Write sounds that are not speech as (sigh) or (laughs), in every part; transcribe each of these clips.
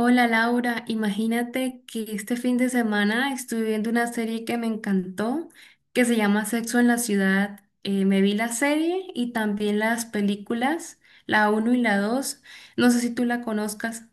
Hola Laura, imagínate que este fin de semana estuve viendo una serie que me encantó, que se llama Sexo en la Ciudad. Me vi la serie y también las películas, la uno y la 2. No sé si tú la conozcas.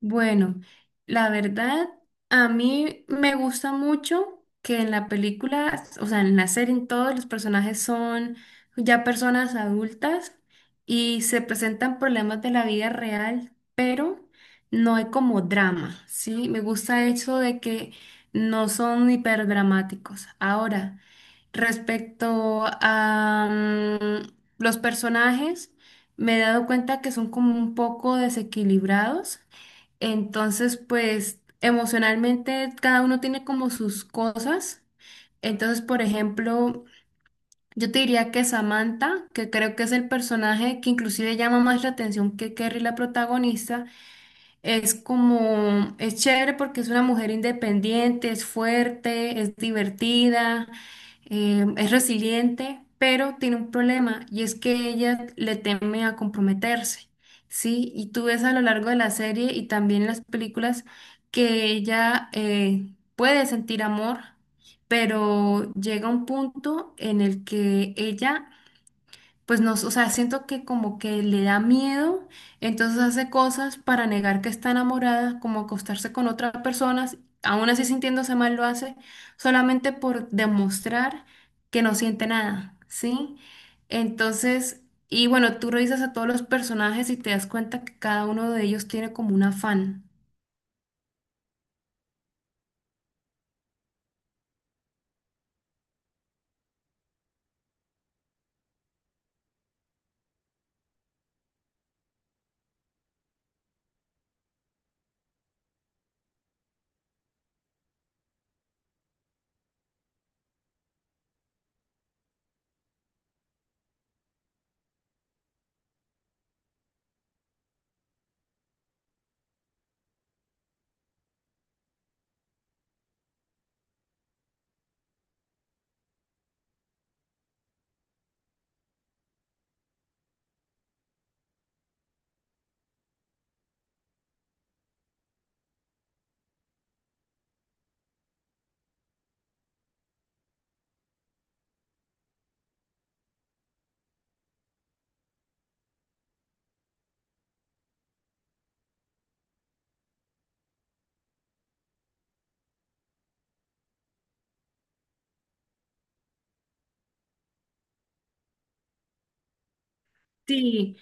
Bueno, la verdad, a mí me gusta mucho que en la película, o sea, en la serie, en todos los personajes son ya personas adultas y se presentan problemas de la vida real, pero no hay como drama, ¿sí? Me gusta eso de que no son hiperdramáticos. Ahora, respecto a los personajes, me he dado cuenta que son como un poco desequilibrados. Entonces, pues emocionalmente cada uno tiene como sus cosas. Entonces, por ejemplo, yo te diría que Samantha, que creo que es el personaje que inclusive llama más la atención que Kerry, la protagonista, es como, es chévere porque es una mujer independiente, es fuerte, es divertida, es resiliente, pero tiene un problema y es que ella le teme a comprometerse, ¿sí? Y tú ves a lo largo de la serie y también en las películas que ella puede sentir amor, pero llega un punto en el que ella pues no, o sea, siento que como que le da miedo, entonces hace cosas para negar que está enamorada, como acostarse con otras personas, aún así sintiéndose mal lo hace, solamente por demostrar que no siente nada, ¿sí? Entonces, y bueno, tú revisas a todos los personajes y te das cuenta que cada uno de ellos tiene como un afán. Sí,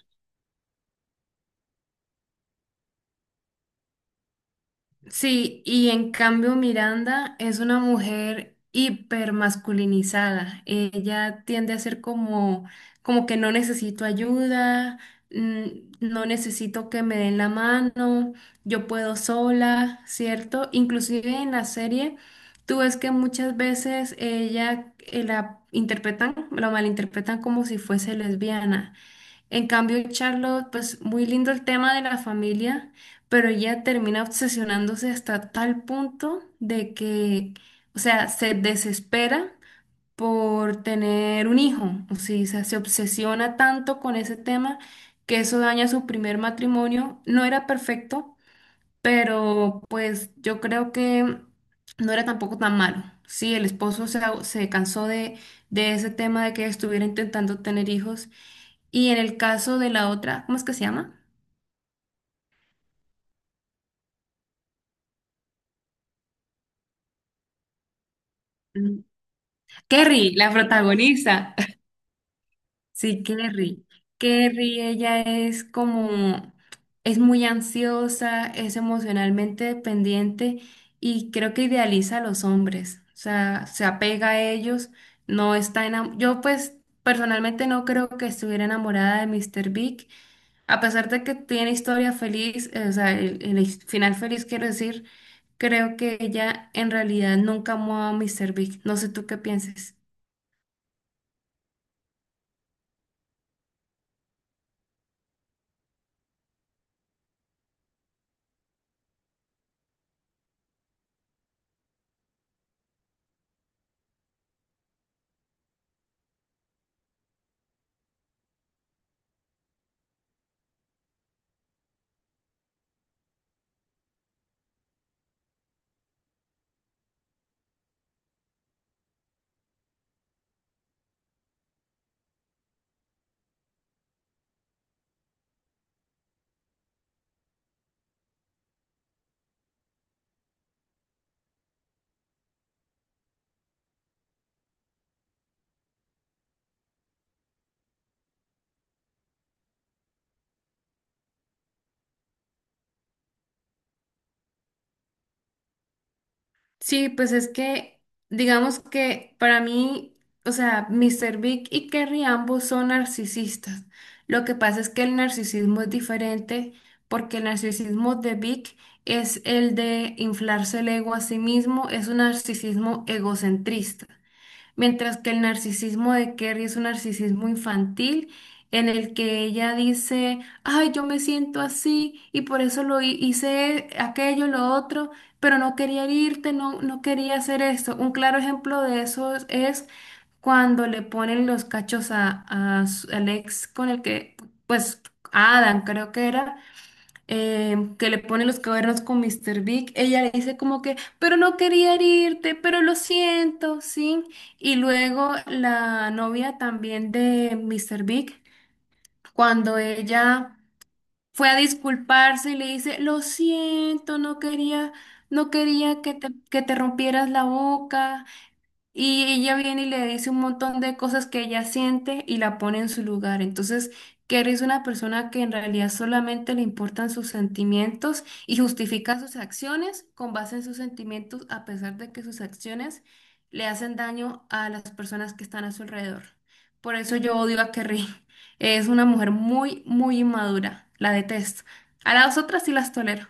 sí, y en cambio Miranda es una mujer hipermasculinizada. Ella tiende a ser como, como que no necesito ayuda, mm, no necesito que me den la mano, yo puedo sola, ¿cierto? Inclusive en la serie, tú ves que muchas veces ella la interpretan, la malinterpretan como si fuese lesbiana. En cambio, Charlotte, pues muy lindo el tema de la familia, pero ella termina obsesionándose hasta tal punto de que, o sea, se desespera por tener un hijo, o sí, o sea, se obsesiona tanto con ese tema que eso daña su primer matrimonio. No era perfecto, pero pues yo creo que no era tampoco tan malo. Sí, el esposo se cansó de ese tema de que estuviera intentando tener hijos. Y en el caso de la otra, ¿cómo es que se llama? Mm. Kerry, la protagonista. Sí, Kerry. Kerry, ella es como, es muy ansiosa, es emocionalmente dependiente y creo que idealiza a los hombres, o sea, se apega a ellos, no está enamorada. Yo pues personalmente no creo que estuviera enamorada de Mr. Big, a pesar de que tiene historia feliz, o sea, final feliz quiero decir, creo que ella en realidad nunca amó a Mr. Big. No sé tú qué pienses. Sí, pues es que, digamos que para mí, o sea, Mr. Big y Kerry ambos son narcisistas. Lo que pasa es que el narcisismo es diferente porque el narcisismo de Big es el de inflarse el ego a sí mismo, es un narcisismo egocentrista mientras que el narcisismo de Kerry es un narcisismo infantil en el que ella dice, ay, yo me siento así y por eso hice aquello, lo otro, pero no quería herirte, no, no quería hacer esto. Un claro ejemplo de eso es cuando le ponen los cachos al ex con el que, pues, a Adam creo que era que le pone los cuernos con Mr. Big, ella le dice como que, pero no quería herirte, pero lo siento, ¿sí? Y luego la novia también de Mr. Big, cuando ella fue a disculparse y le dice, lo siento, no quería, no quería que te rompieras la boca. Y ella viene y le dice un montón de cosas que ella siente y la pone en su lugar. Entonces, que eres una persona que en realidad solamente le importan sus sentimientos y justifica sus acciones con base en sus sentimientos, a pesar de que sus acciones le hacen daño a las personas que están a su alrededor. Por eso yo odio a Kerry. (laughs) Es una mujer muy, muy inmadura. La detesto. A las otras sí las tolero.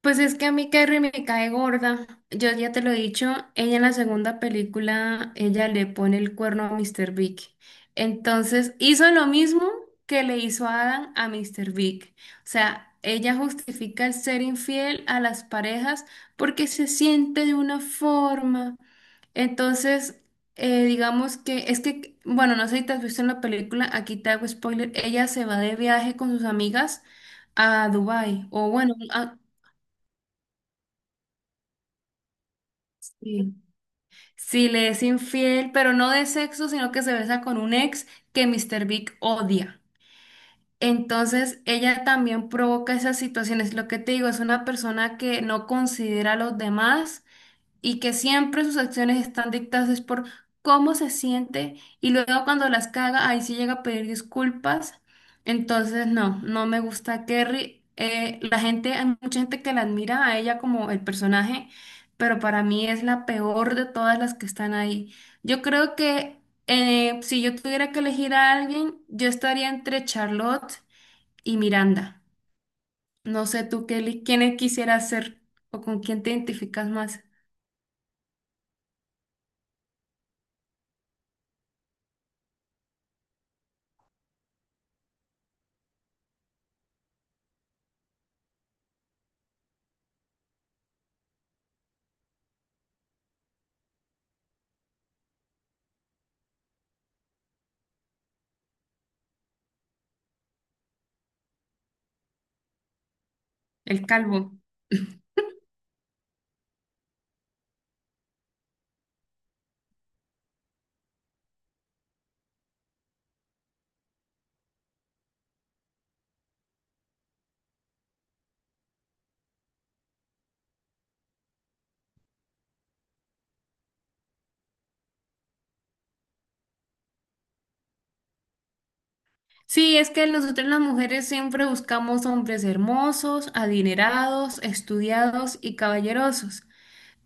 Pues es que a mí Carrie me cae gorda. Yo ya te lo he dicho, ella en la segunda película, ella le pone el cuerno a Mr. Big. Entonces hizo lo mismo que le hizo Adam a Mr. Big. O sea, ella justifica el ser infiel a las parejas porque se siente de una forma. Entonces, digamos que es que, bueno, no sé si te has visto en la película, aquí te hago spoiler, ella se va de viaje con sus amigas a Dubái, o bueno, a- Sí. Sí, le es infiel, pero no de sexo, sino que se besa con un ex que Mr. Big odia. Entonces, ella también provoca esas situaciones. Lo que te digo, es una persona que no considera a los demás y que siempre sus acciones están dictadas es por cómo se siente y luego cuando las caga, ahí sí llega a pedir disculpas. Entonces, no, no me gusta a Kerry. La gente, hay mucha gente que la admira a ella como el personaje, pero para mí es la peor de todas las que están ahí. Yo creo que si yo tuviera que elegir a alguien, yo estaría entre Charlotte y Miranda. No sé tú, Kelly, quién quisieras ser o con quién te identificas más. El calvo. Sí, es que nosotros las mujeres siempre buscamos hombres hermosos, adinerados, estudiados y caballerosos.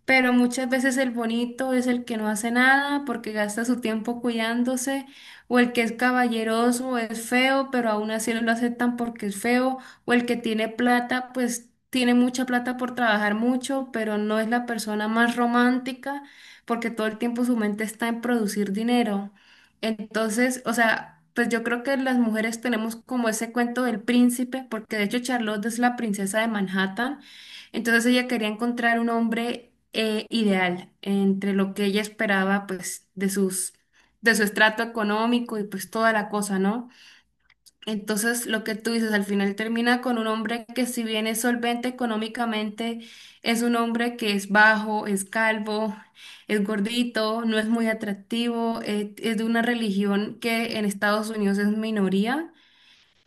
Pero muchas veces el bonito es el que no hace nada porque gasta su tiempo cuidándose, o el que es caballeroso, o es feo, pero aún así no lo aceptan porque es feo, o el que tiene plata, pues tiene mucha plata por trabajar mucho, pero no es la persona más romántica porque todo el tiempo su mente está en producir dinero. Entonces, o sea, pues yo creo que las mujeres tenemos como ese cuento del príncipe, porque de hecho Charlotte es la princesa de Manhattan entonces ella quería encontrar un hombre ideal entre lo que ella esperaba, pues, de su estrato económico y pues toda la cosa, ¿no? Entonces lo que tú dices al final termina con un hombre que si bien es solvente económicamente, es un hombre que es bajo, es calvo, es gordito, no es muy atractivo, es de una religión que en Estados Unidos es minoría.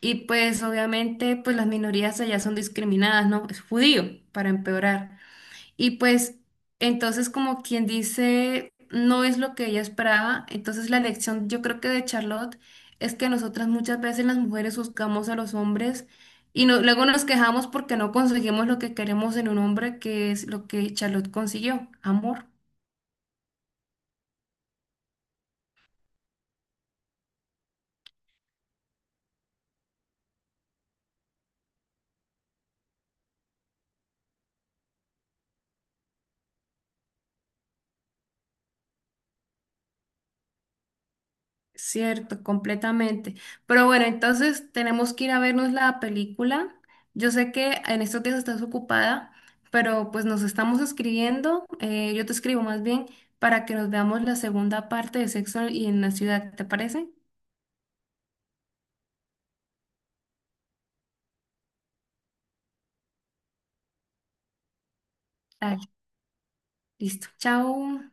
Y pues obviamente pues las minorías allá son discriminadas, ¿no? Es judío, para empeorar. Y pues entonces como quien dice, no es lo que ella esperaba. Entonces la lección yo creo que de Charlotte es que nosotras muchas veces las mujeres buscamos a los hombres y luego nos quejamos porque no conseguimos lo que queremos en un hombre, que es lo que Charlotte consiguió, amor. Cierto, completamente. Pero bueno, entonces tenemos que ir a vernos la película. Yo sé que en estos días estás ocupada, pero pues nos estamos escribiendo, yo te escribo más bien, para que nos veamos la segunda parte de Sexo y en la ciudad, ¿te parece? Dale, listo. Chao.